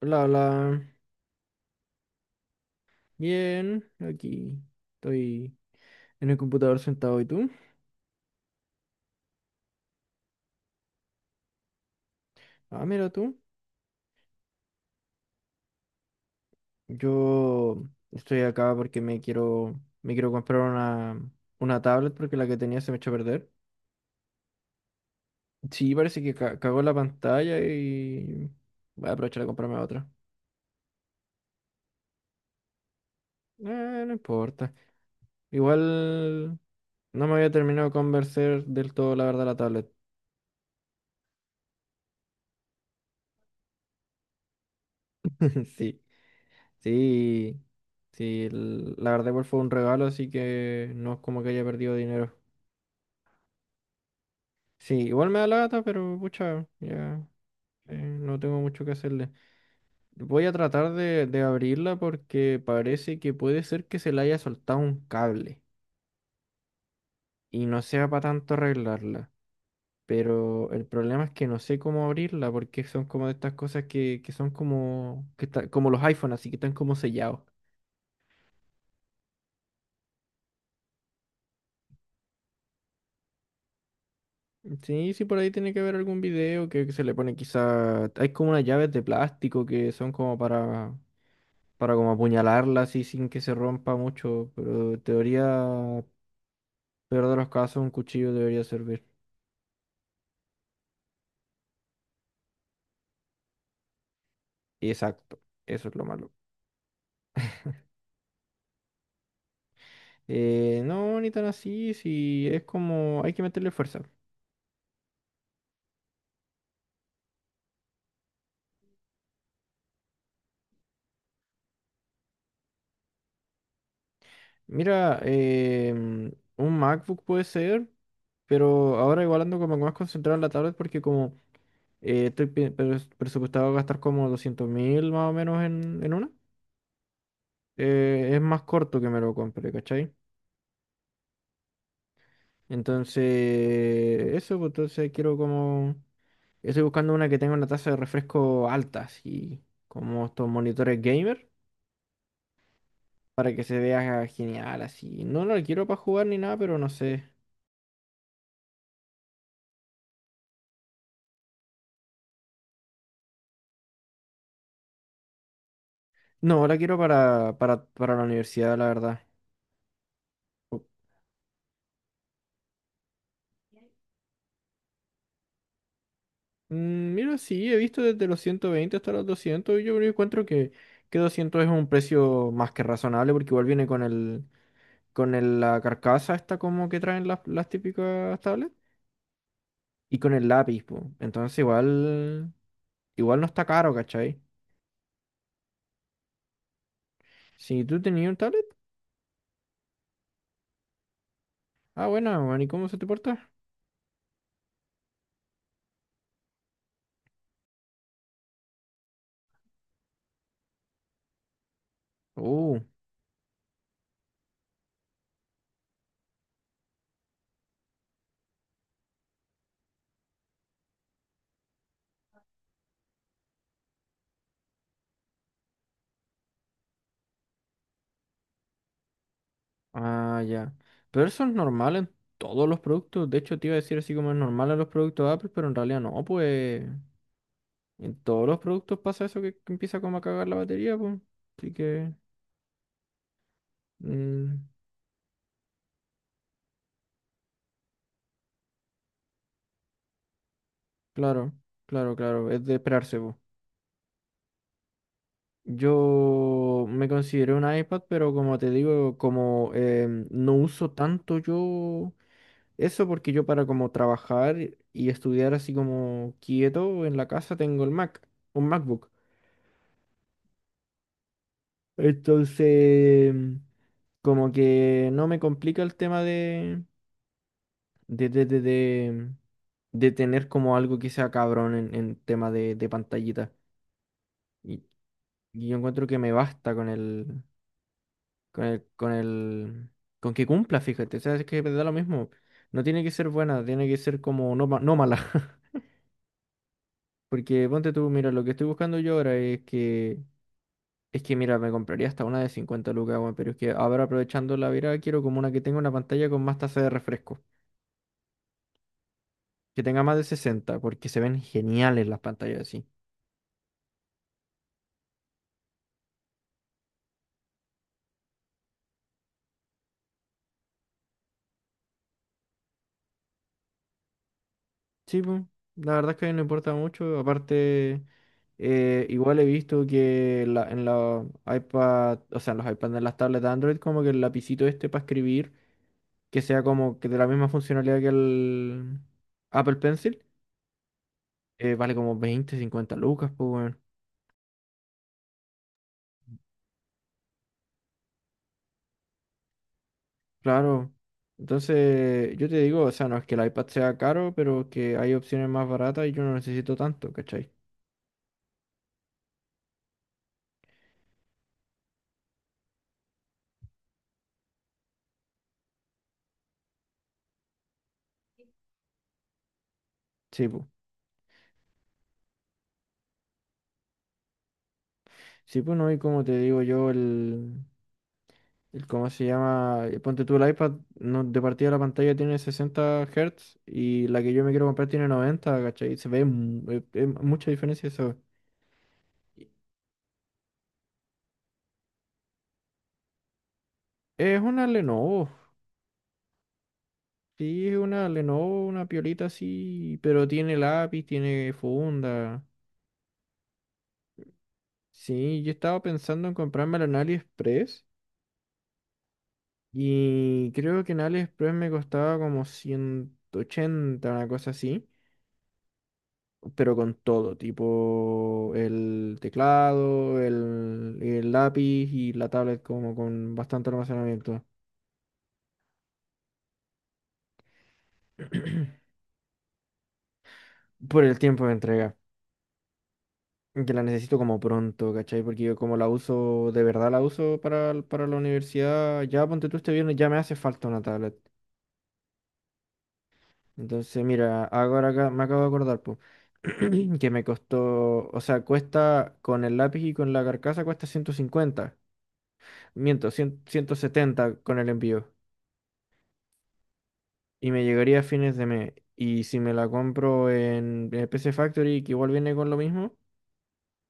Hola, hola. Bien, aquí estoy en el computador sentado. ¿Y tú? Ah, mira tú. Yo estoy acá porque me quiero comprar una tablet porque la que tenía se me echó a perder. Sí, parece que cagó la pantalla y voy a aprovechar a comprarme otra. No importa. Igual no me había terminado de convencer del todo, la verdad, la tablet. Sí. Sí, sí, la verdad igual fue un regalo, así que no es como que haya perdido dinero. Sí, igual me da lata, pero pucha, ya no tengo mucho que hacerle. Voy a tratar de abrirla porque parece que puede ser que se le haya soltado un cable y no sea para tanto arreglarla. Pero el problema es que no sé cómo abrirla porque son como de estas cosas que son como, como los iPhones, así que están como sellados. Sí, sí, por ahí tiene que haber algún video que se le pone quizá. Hay como unas llaves de plástico que son como para como apuñalarla así sin que se rompa mucho, pero en teoría, peor de los casos, un cuchillo debería servir. Exacto, eso es lo malo. No, ni tan así, sí, es como. Hay que meterle fuerza. Mira, un MacBook puede ser, pero ahora igual ando como más concentrado en la tablet porque como. Estoy presupuestado a gastar como 200.000 más o menos en una. Es más corto que me lo compre, ¿cachai? Entonces, eso, pues, entonces quiero como. Estoy buscando una que tenga una tasa de refresco alta, así como estos monitores gamer, para que se vea genial, así. No la quiero para jugar ni nada, pero no sé. No, la quiero para la universidad, la verdad. Mm, mira, sí, he visto desde los 120 hasta los 200 y yo encuentro que 200 es un precio más que razonable porque igual viene con el, la carcasa esta como que traen las típicas tablets y con el lápiz, po. Igual no está caro, ¿cachai? Si tú tenías un tablet, ah, bueno, bueno, ¿y cómo se te porta? Uh, ah, ya. Pero eso es normal en todos los productos, de hecho te iba a decir así como es normal en los productos Apple, pero en realidad no, pues. En todos los productos pasa eso que empieza como a cagar la batería, pues. Así que, mm, claro, claro, claro, es de esperarse, pues. Yo me consideré un iPad, pero como te digo, como no uso tanto yo eso, porque yo para como trabajar y estudiar así como quieto en la casa tengo el Mac, un MacBook. Entonces, como que no me complica el tema de, de, de, de, de tener como algo que sea cabrón en tema de pantallita. Y, y yo encuentro que me basta con con el, con el, con que cumpla, fíjate. O sea, es que me da lo mismo. No tiene que ser buena, tiene que ser como no, no mala. Porque ponte tú, mira, lo que estoy buscando yo ahora es que mira, me compraría hasta una de 50 lucas, weón, pero es que ahora aprovechando la virada quiero como una que tenga una pantalla con más tasa de refresco. Que tenga más de 60 porque se ven geniales las pantallas así. Sí, pues, la verdad es que no importa mucho. Aparte, igual he visto en los iPad, o sea, en los iPads, en las tablets de Android, como que el lapicito este para escribir, que sea como que de la misma funcionalidad que el Apple Pencil, vale como 20 50 lucas, pues, bueno. Claro. Entonces, yo te digo, o sea, no es que el iPad sea caro, pero que hay opciones más baratas y yo no necesito tanto, ¿cachai? Sí, pues. Sí, pues no, y como te digo yo, ¿Cómo se llama? Ponte tú el iPad, no, de partida la pantalla tiene 60 Hz y la que yo me quiero comprar tiene 90, ¿cachai? Se ve mucha diferencia eso. Y es una Lenovo, sí, es una Lenovo, una piolita así, pero tiene lápiz, tiene funda. Sí, yo estaba pensando en comprármela en AliExpress y creo que en AliExpress me costaba como 180, una cosa así. Pero con todo, tipo el teclado, el lápiz y la tablet como con bastante almacenamiento. Por el tiempo de entrega. Que la necesito como pronto, ¿cachai? Porque yo como la uso, de verdad la uso para, para la universidad, ya ponte tú este viernes, ya me hace falta una tablet. Entonces, mira, ahora acá, me acabo de acordar, pues, que me costó, o sea, cuesta con el lápiz y con la carcasa cuesta 150 miento, cien ciento setenta con el envío. Y me llegaría a fines de mes. Y si me la compro en el PC Factory, que igual viene con lo mismo,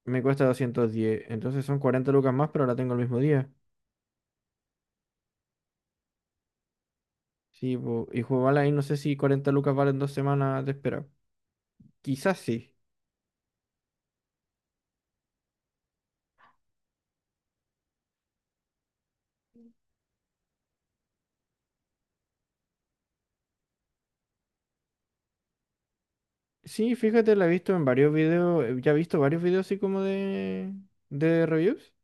me cuesta 210. Entonces son 40 lucas más, pero la tengo el mismo día. Sí, po, y jugarla ahí no sé si 40 lucas valen dos semanas de espera. Quizás sí. Sí, fíjate, la he visto en varios videos, ya he visto varios videos así como de reviews.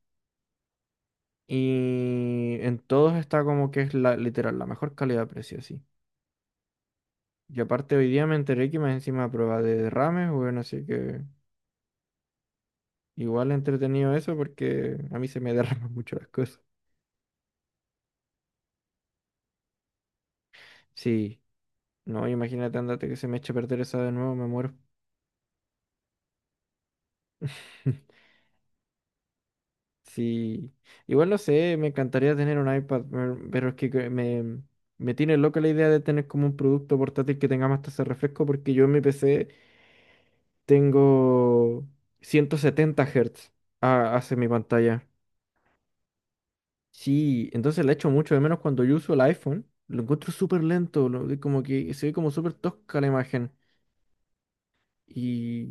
Y en todos está como que es la, literal, la mejor calidad-precio, sí. Y aparte hoy día me enteré que más encima a prueba de derrames, bueno, así que. Igual entretenido eso porque a mí se me derraman mucho las cosas. Sí, no, imagínate, andate que se me eche a perder esa de nuevo, me muero. Sí, igual no sé, me encantaría tener un iPad, pero es que me tiene loca la idea de tener como un producto portátil que tenga más tasa de refresco porque yo en mi PC tengo 170 Hz hacia mi pantalla. Sí, entonces la echo mucho de menos cuando yo uso el iPhone. Lo encuentro súper lento, como que se ve como súper tosca la imagen. Y,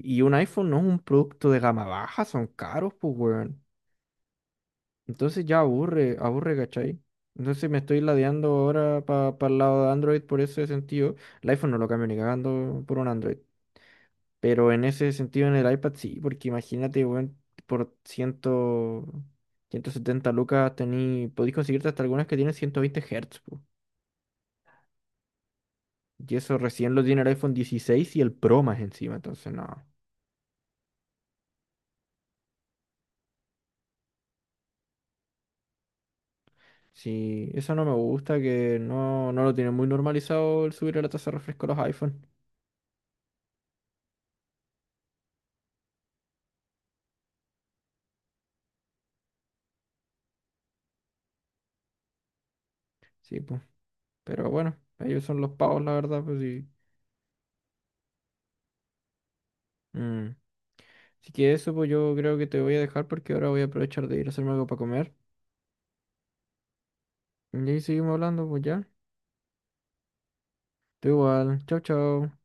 y, Y un iPhone no es un producto de gama baja, son caros, pues, weón. Entonces ya aburre, aburre, ¿cachai? Entonces me estoy ladeando ahora para el lado de Android por ese sentido. El iPhone no lo cambio ni cagando por un Android. Pero en ese sentido en el iPad sí, porque imagínate, weón, por cien, 170 lucas tení, podéis conseguirte hasta algunas que tienen 120 Hz, po. Y eso recién lo tiene el iPhone 16 y el Pro más encima, entonces no. Sí, eso no me gusta, que no, no lo tienen muy normalizado el subir la tasa de refresco a los iPhone. Sí, pues. Pero bueno, ellos son los pavos, la verdad, pues sí. Mm. Así que eso, pues yo creo que te voy a dejar porque ahora voy a aprovechar de ir a hacerme algo para comer. Y ahí seguimos hablando, pues ya. Tú igual. Chao, chao.